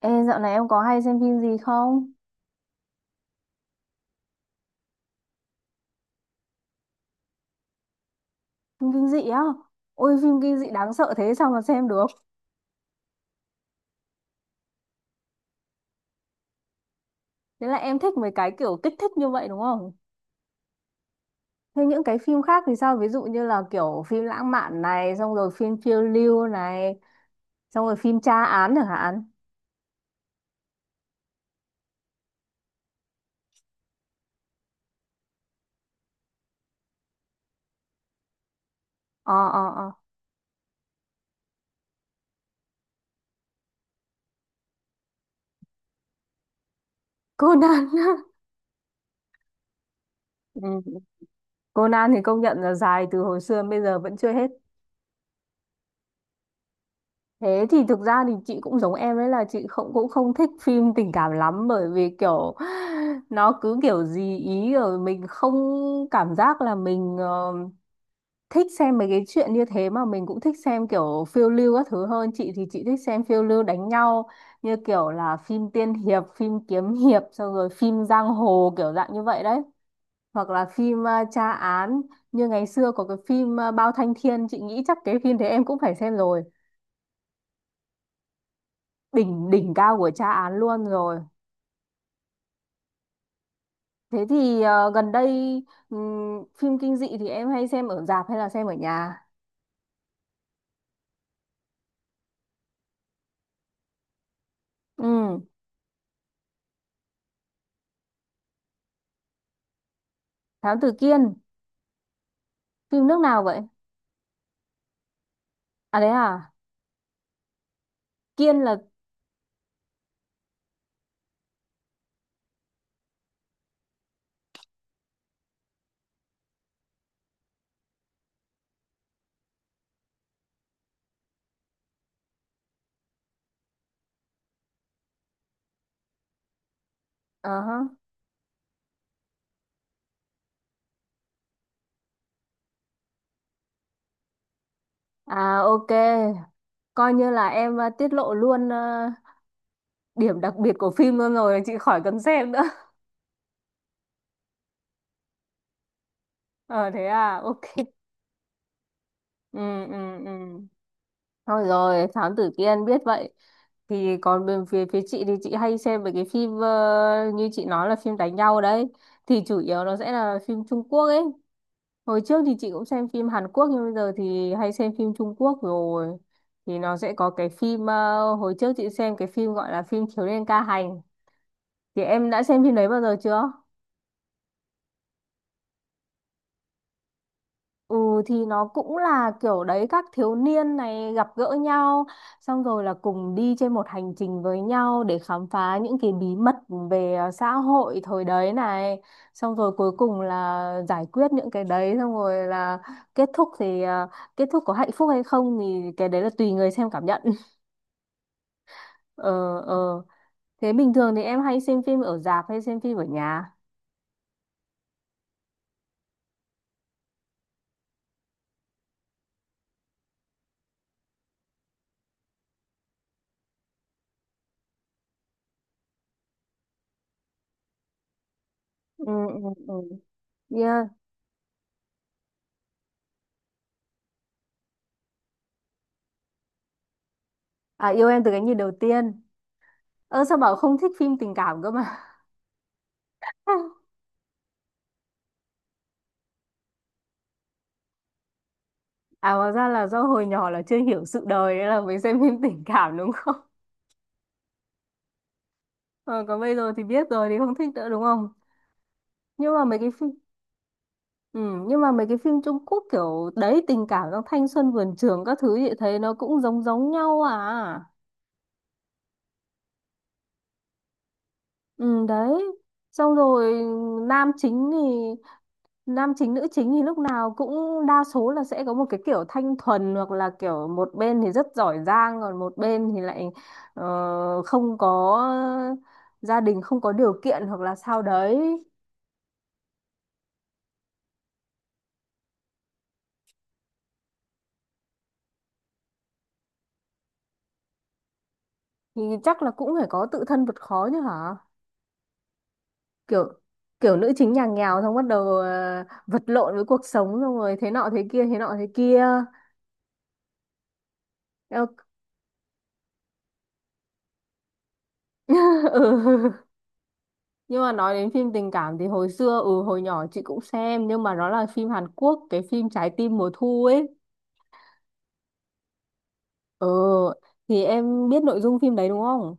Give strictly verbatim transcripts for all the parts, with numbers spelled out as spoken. Ê, dạo này em có hay xem phim gì không? Phim kinh dị á? Ôi phim kinh dị đáng sợ thế sao mà xem được? Thế là em thích mấy cái kiểu kích thích như vậy đúng không? Thế những cái phim khác thì sao? Ví dụ như là kiểu phim lãng mạn này, xong rồi phim phiêu lưu này, xong rồi phim tra án chẳng hạn. Ờ ờ ờ. Conan. Ừ. Conan thì công nhận là dài từ hồi xưa đến bây giờ vẫn chưa hết. Thế thì thực ra thì chị cũng giống em ấy là chị không cũng không thích phim tình cảm lắm, bởi vì kiểu nó cứ kiểu gì ý rồi mình không cảm giác là mình ờ, thích xem mấy cái chuyện như thế, mà mình cũng thích xem kiểu phiêu lưu các thứ hơn. Chị thì chị thích xem phiêu lưu đánh nhau, như kiểu là phim tiên hiệp, phim kiếm hiệp, xong rồi phim giang hồ kiểu dạng như vậy đấy. Hoặc là phim ờ, tra án, như ngày xưa có cái phim ờ, Bao Thanh Thiên, chị nghĩ chắc cái phim thế em cũng phải xem rồi. Đỉnh đỉnh cao của tra án luôn rồi. Thế thì ờ, gần đây, ừm, phim kinh dị thì em hay xem ở rạp hay là xem ở nhà? Ừ. Thám Tử Kiên. Phim nước nào vậy? À đấy à. Kiên là. Ờ hả. À ok, coi như là em ờ, tiết lộ luôn ờ, điểm đặc biệt của phim luôn rồi, chị khỏi cần xem nữa. Ờ thế à. Ok. Ừ ừ ừ. Thôi rồi, Thám Tử Kiên biết vậy. Thì còn bên phía phía chị thì chị hay xem mấy cái phim ờ, như chị nói là phim đánh nhau đấy. Thì chủ yếu nó sẽ là phim Trung Quốc ấy. Hồi trước thì chị cũng xem phim Hàn Quốc nhưng bây giờ thì hay xem phim Trung Quốc rồi. Thì nó sẽ có cái phim ờ, hồi trước chị xem cái phim gọi là phim Thiếu niên ca hành. Thì em đã xem phim đấy bao giờ chưa? Ừ, thì nó cũng là kiểu đấy, các thiếu niên này gặp gỡ nhau, xong rồi là cùng đi trên một hành trình với nhau để khám phá những cái bí mật về à, xã hội thời đấy này. Xong rồi cuối cùng là giải quyết những cái đấy, xong rồi là kết thúc thì à, kết thúc có hạnh phúc hay không thì cái đấy là tùy người xem cảm nhận. Ờ. Ờ, thế bình thường thì em hay xem phim ở rạp hay xem phim ở nhà? Ừ ừ ừ. Yeah. À yêu em từ cái nhìn đầu tiên. Ơ sao bảo không thích phim tình cảm cơ mà. À hóa ra là do hồi nhỏ là chưa hiểu sự đời nên là mới xem phim tình cảm đúng không? Ờ, còn bây giờ thì biết rồi thì không thích nữa đúng không? Nhưng mà mấy cái phim ừ, nhưng mà mấy cái phim Trung Quốc kiểu đấy tình cảm trong thanh xuân vườn trường các thứ vậy thấy nó cũng giống giống nhau à. Ừ đấy. Xong rồi nam chính thì nam chính nữ chính thì lúc nào cũng đa số là sẽ có một cái kiểu thanh thuần, hoặc là kiểu một bên thì rất giỏi giang còn một bên thì lại ờ, không có gia đình, không có điều kiện hoặc là sao đấy. Thì chắc là cũng phải có tự thân vượt khó chứ hả. Kiểu kiểu nữ chính nhà nghèo, xong bắt đầu ờ, vật lộn với cuộc sống, xong rồi thế nọ thế kia, thế nọ thế kia. Eo- ừ. Nhưng mà nói đến phim tình cảm thì hồi xưa, ừ hồi nhỏ chị cũng xem, nhưng mà nó là phim Hàn Quốc, cái phim Trái tim mùa thu ấy. Ừ, thì em biết nội dung phim đấy đúng không?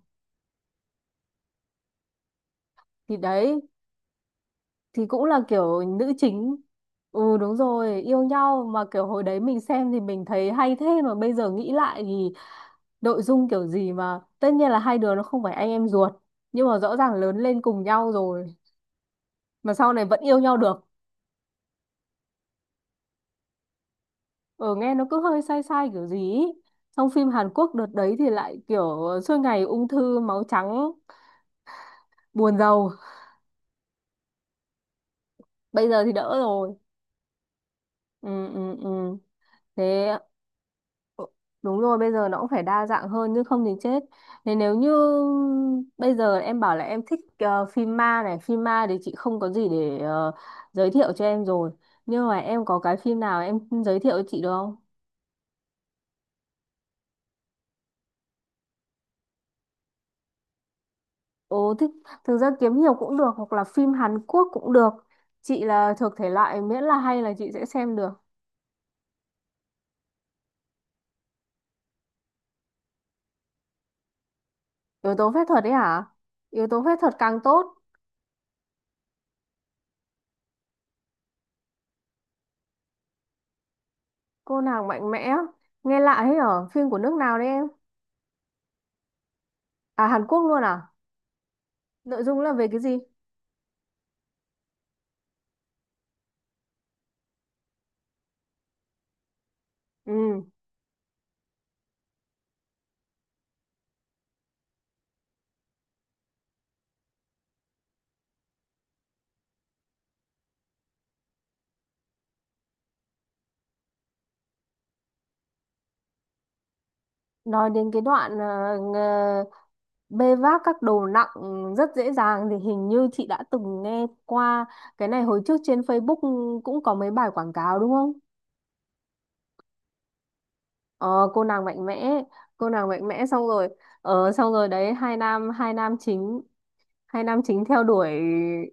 Thì đấy, thì cũng là kiểu nữ chính. Ừ đúng rồi, yêu nhau mà kiểu hồi đấy mình xem thì mình thấy hay, thế mà bây giờ nghĩ lại thì nội dung kiểu gì mà tất nhiên là hai đứa nó không phải anh em ruột, nhưng mà rõ ràng lớn lên cùng nhau rồi mà sau này vẫn yêu nhau được. Ở nghe nó cứ hơi sai sai kiểu gì ý. Trong phim Hàn Quốc đợt đấy thì lại kiểu suốt ngày ung thư máu trắng, buồn rầu. Bây giờ thì đỡ rồi. Ừ ừ ừ. Thế. Ừ, đúng rồi, bây giờ nó cũng phải đa dạng hơn chứ không thì chết. Thế nếu như bây giờ em bảo là em thích ờ, phim ma này, phim ma thì chị không có gì để ờ, giới thiệu cho em rồi, nhưng mà em có cái phim nào em giới thiệu cho chị được không? Ồ, thích. Thực ra kiếm nhiều cũng được hoặc là phim Hàn Quốc cũng được. Chị là thuộc thể loại miễn là hay là chị sẽ xem được. Yếu tố phép thuật đấy hả? Yếu tố phép thuật càng tốt. Cô nàng mạnh mẽ. Nghe lạ thế, ở phim của nước nào đấy em? À Hàn Quốc luôn à? Nội dung là về cái gì? Ừ, nói đến cái đoạn ờ, ngờ- bê vác các đồ nặng rất dễ dàng thì hình như chị đã từng nghe qua cái này hồi trước trên Facebook cũng có mấy bài quảng cáo đúng không? Ờ, cô nàng mạnh mẽ, cô nàng mạnh mẽ, xong rồi ờ, xong rồi đấy, hai nam hai nam chính hai nam chính theo đuổi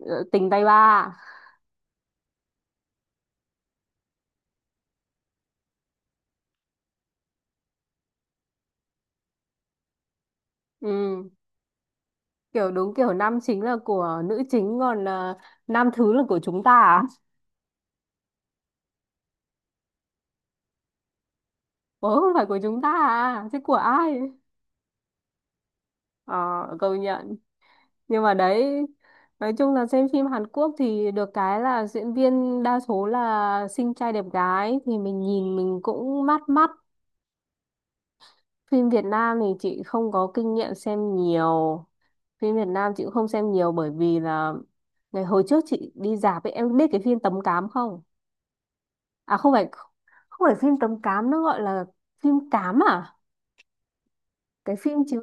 ờ, tình tay ba. Ừ, kiểu đúng kiểu nam chính là của nữ chính, còn ờ, nam thứ là của chúng ta à? Ủa không phải của chúng ta à, chứ của ai? Ờ, công nhận. Nhưng mà đấy, nói chung là xem phim Hàn Quốc thì được cái là diễn viên đa số là xinh trai đẹp gái thì mình nhìn mình cũng mát mắt. Phim Việt Nam thì chị không có kinh nghiệm xem nhiều. Phim Việt Nam chị cũng không xem nhiều bởi vì là ngày hồi trước chị đi rạp ấy, em biết cái phim Tấm Cám không? À không phải, không phải phim Tấm Cám, nó gọi là phim Cám à? Cái phim chiếu.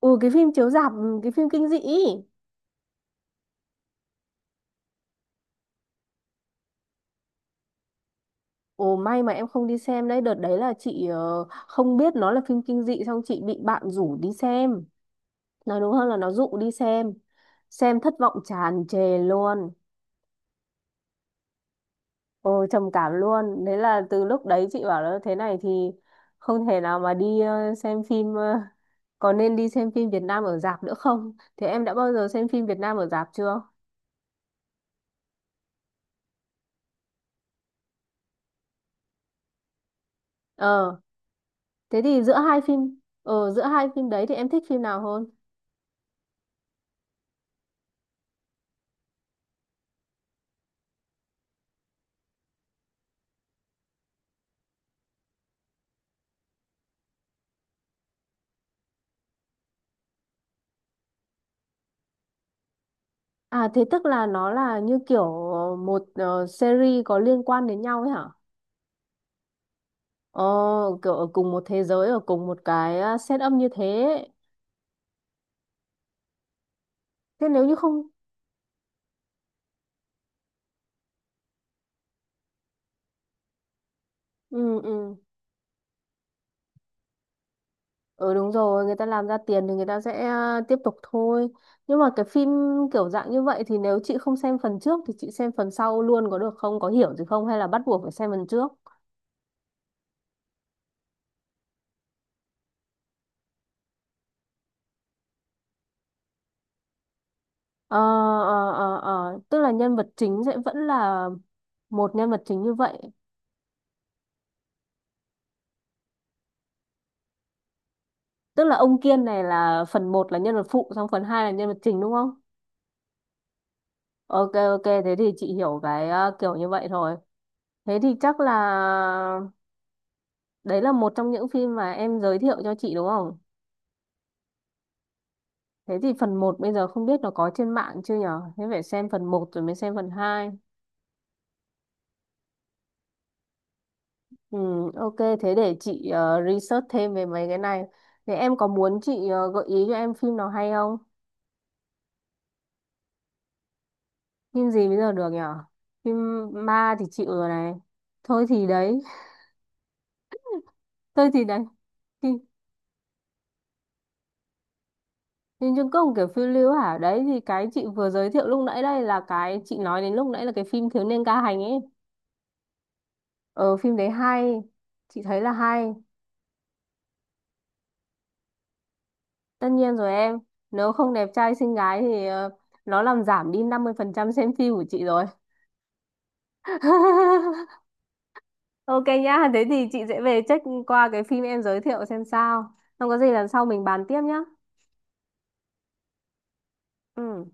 Ừ cái phim chiếu rạp, ừ, cái phim kinh dị ý. Ồ may mà em không đi xem đấy, đợt đấy là chị ờ, không biết nó là phim kinh dị xong chị bị bạn rủ đi xem. Nói đúng hơn là nó dụ đi xem. Xem thất vọng tràn trề luôn. Ồ, trầm cảm luôn. Đấy là từ lúc đấy chị bảo là thế này thì không thể nào mà đi ờ, xem phim ờ, có nên đi xem phim Việt Nam ở rạp nữa không? Thế em đã bao giờ xem phim Việt Nam ở rạp chưa? Ờ, thế thì giữa hai phim ờ giữa hai phim đấy thì em thích phim nào hơn? À thế tức là nó là như kiểu một ờ, series có liên quan đến nhau ấy hả? Ờ, kiểu ở cùng một thế giới, ở cùng một cái ờ, setup như thế. Thế nếu như không. Ừ ừ. Ừ đúng rồi, người ta làm ra tiền thì người ta sẽ à, tiếp tục thôi. Nhưng mà cái phim kiểu dạng như vậy thì nếu chị không xem phần trước thì chị xem phần sau luôn có được không? Có hiểu gì không? Hay là bắt buộc phải xem phần trước? Ờ, ờ, ờ, ờ. Tức là nhân vật chính sẽ vẫn là một nhân vật chính như vậy. Tức là ông Kiên này là phần một là nhân vật phụ, xong phần hai là nhân vật chính đúng không? Ok, ok, thế thì chị hiểu cái à, kiểu như vậy thôi. Thế thì chắc là đấy là một trong những phim mà em giới thiệu cho chị đúng không? Thế thì phần một bây giờ không biết nó có trên mạng chưa nhở? Thế phải xem phần một rồi mới xem phần hai. Ừ, ok, thế để chị ờ, research thêm về mấy cái này. Thế em có muốn chị ờ, gợi ý cho em phim nào hay không? Phim gì bây giờ được nhở? Phim ma thì chịu rồi này. Thôi thì đấy, thôi thì đấy. Phim, phim Trung Quốc kiểu phiêu lưu hả? Đấy thì cái chị vừa giới thiệu lúc nãy, đây là cái chị nói đến lúc nãy là cái phim Thiếu niên ca hành ấy. Ờ, phim đấy hay, chị thấy là hay. Tất nhiên rồi em, nếu không đẹp trai xinh gái thì ờ, nó làm giảm đi năm mươi phần trăm xem phim của chị rồi. Ok nhá, thế thì chị sẽ về check qua cái phim em giới thiệu xem sao. Không có gì lần sau mình bàn tiếp nhá. Ừ.